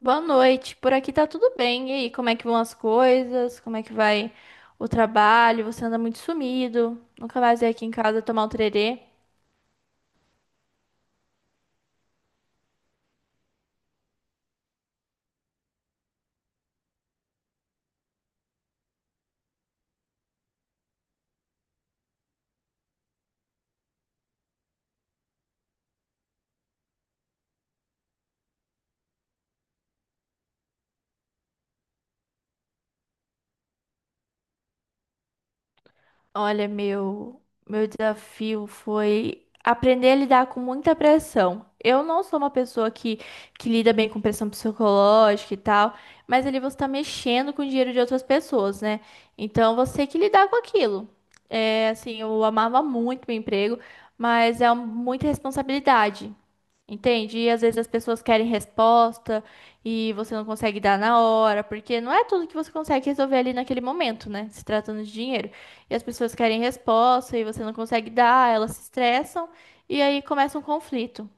Boa noite. Por aqui tá tudo bem. E aí, como é que vão as coisas? Como é que vai o trabalho? Você anda muito sumido. Nunca mais veio aqui em casa tomar um tererê. Olha, meu desafio foi aprender a lidar com muita pressão. Eu não sou uma pessoa que lida bem com pressão psicológica e tal, mas ali você tá mexendo com o dinheiro de outras pessoas, né? Então você tem que lidar com aquilo. É, assim, eu amava muito meu emprego, mas muita responsabilidade. Entende? E às vezes as pessoas querem resposta e você não consegue dar na hora, porque não é tudo que você consegue resolver ali naquele momento, né? Se tratando de dinheiro. E as pessoas querem resposta e você não consegue dar, elas se estressam e aí começa um conflito.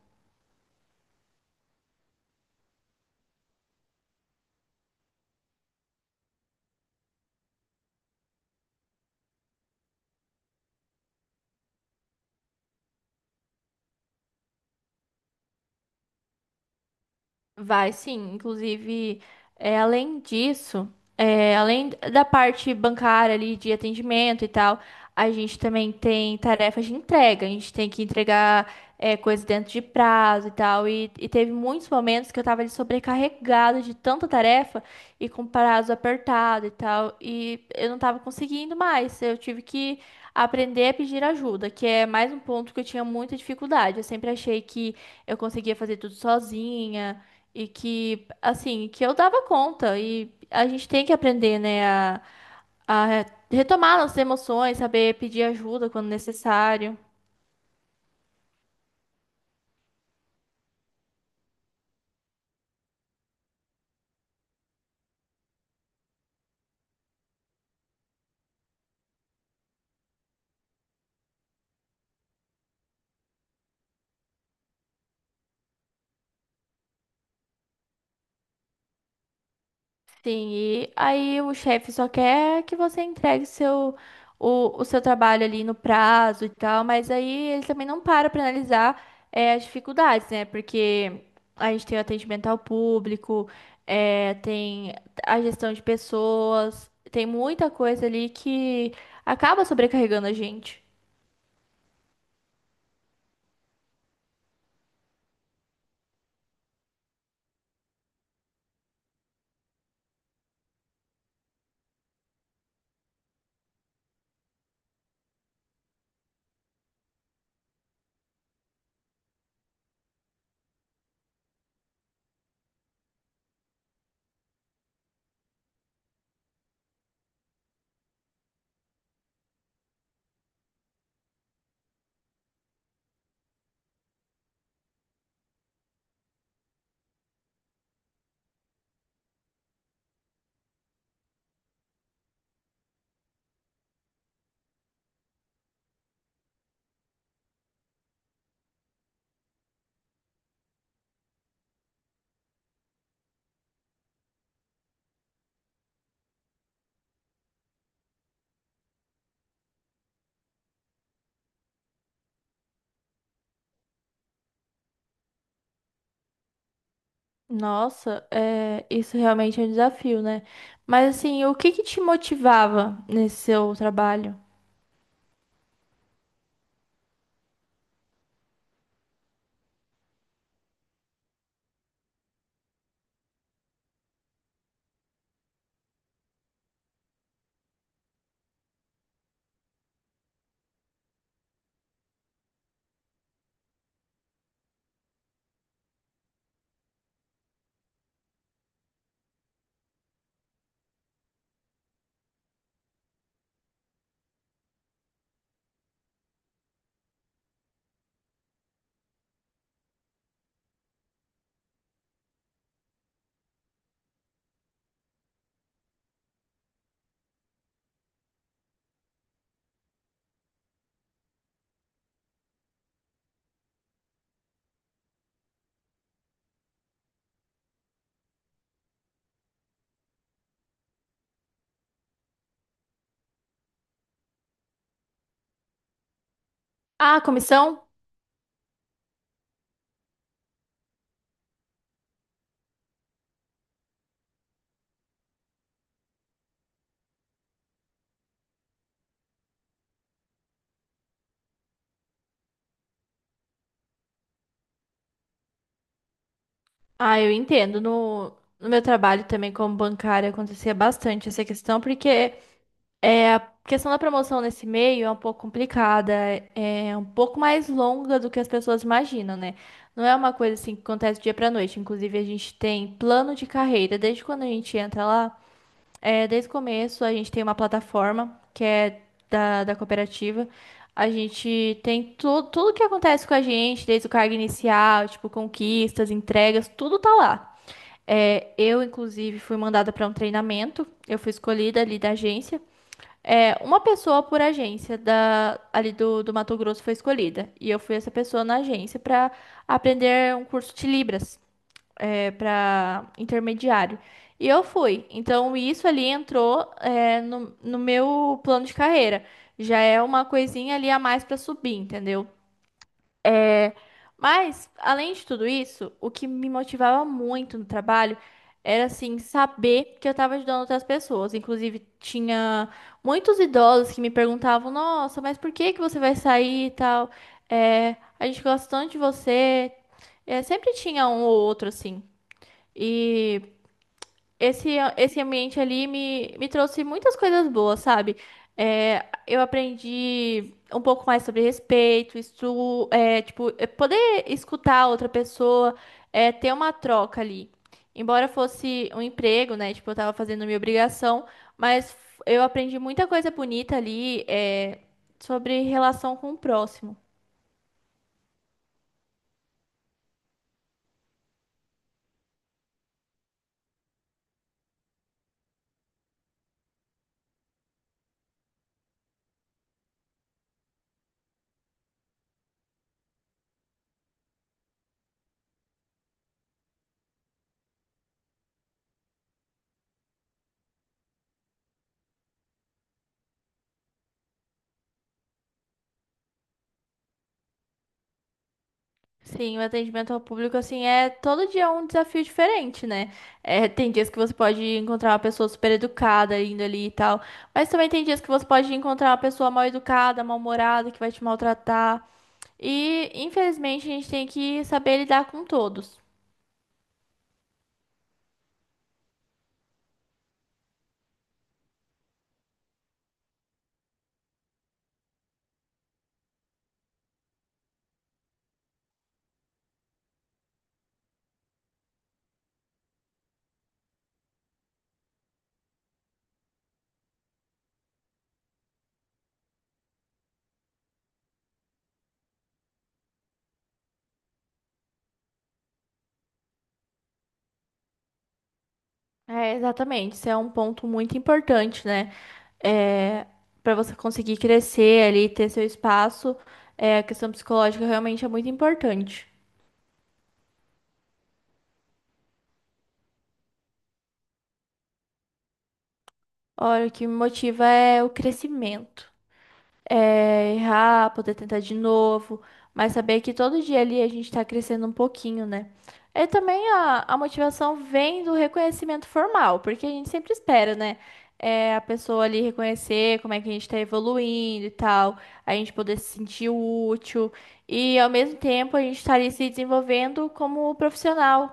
Vai, sim. Inclusive, é, além disso, é, além da parte bancária ali de atendimento e tal, a gente também tem tarefas de entrega. A gente tem que entregar, é, coisas dentro de prazo e tal. E teve muitos momentos que eu tava ali sobrecarregada de tanta tarefa e com prazo apertado e tal. E eu não tava conseguindo mais. Eu tive que aprender a pedir ajuda, que é mais um ponto que eu tinha muita dificuldade. Eu sempre achei que eu conseguia fazer tudo sozinha e que, assim, que eu dava conta. E a gente tem que aprender, né, a retomar nossas emoções, saber pedir ajuda quando necessário. Sim, e aí o chefe só quer que você entregue o seu trabalho ali no prazo e tal, mas aí ele também não para para analisar, as dificuldades, né? Porque a gente tem o atendimento ao público, tem a gestão de pessoas, tem muita coisa ali que acaba sobrecarregando a gente. Nossa, é, isso realmente é um desafio, né? Mas assim, o que que te motivava nesse seu trabalho? Ah, comissão? Ah, eu entendo. No, no meu trabalho também como bancária acontecia bastante essa questão, porque é, a questão da promoção nesse meio é um pouco complicada, é um pouco mais longa do que as pessoas imaginam, né? Não é uma coisa assim que acontece do dia para noite. Inclusive, a gente tem plano de carreira. Desde quando a gente entra lá, é, desde o começo, a gente tem uma plataforma que é da cooperativa. A gente tem tudo, tudo que acontece com a gente, desde o cargo inicial, tipo, conquistas, entregas, tudo tá lá. É, eu, inclusive, fui mandada para um treinamento. Eu fui escolhida ali da agência. É, uma pessoa por agência da, ali do Mato Grosso foi escolhida. E eu fui essa pessoa na agência para aprender um curso de Libras, é, para intermediário. E eu fui. Então, isso ali entrou, é, no meu plano de carreira. Já é uma coisinha ali a mais para subir, entendeu? Mas, além de tudo isso, o que me motivava muito no trabalho era, assim, saber que eu estava ajudando outras pessoas. Inclusive, tinha muitos idosos que me perguntavam: Nossa, mas por que que você vai sair e tal? É, a gente gosta tanto de você. É, sempre tinha um ou outro, assim. E esse ambiente ali me trouxe muitas coisas boas, sabe? É, eu aprendi um pouco mais sobre respeito, isso, é, tipo, é poder escutar a outra pessoa, é, ter uma troca ali. Embora fosse um emprego, né? Tipo, eu tava fazendo minha obrigação, mas eu aprendi muita coisa bonita ali, é, sobre relação com o próximo. Sim, o atendimento ao público, assim, é todo dia é um desafio diferente, né? É, tem dias que você pode encontrar uma pessoa super educada indo ali e tal, mas também tem dias que você pode encontrar uma pessoa mal educada, mal-humorada, que vai te maltratar. E, infelizmente, a gente tem que saber lidar com todos. É, exatamente, isso é um ponto muito importante, né? É, para você conseguir crescer ali, ter seu espaço, é, a questão psicológica realmente é muito importante. Olha, o que me motiva é o crescimento. É, errar, poder tentar de novo, mas saber que todo dia ali a gente está crescendo um pouquinho, né? E também a motivação vem do reconhecimento formal, porque a gente sempre espera, né? É, a pessoa ali reconhecer como é que a gente está evoluindo e tal, a gente poder se sentir útil e ao mesmo tempo a gente estar ali se desenvolvendo como profissional.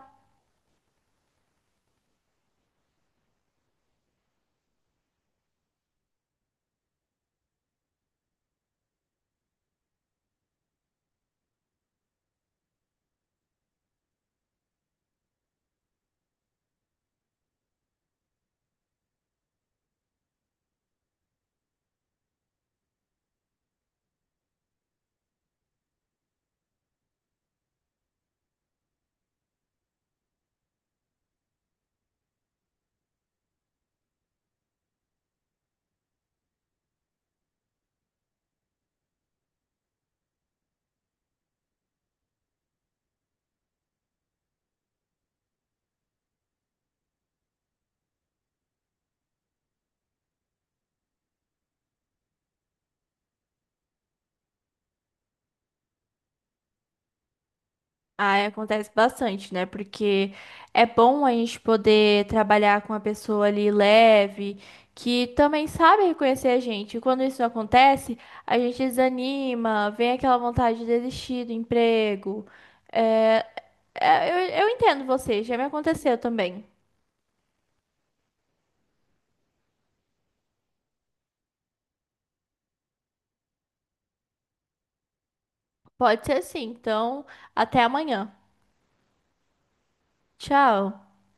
Ah, acontece bastante, né? Porque é bom a gente poder trabalhar com uma pessoa ali leve, que também sabe reconhecer a gente. E quando isso não acontece, a gente desanima, vem aquela vontade de desistir do emprego. É, eu entendo você, já me aconteceu também. Pode ser assim, então até amanhã. Tchau.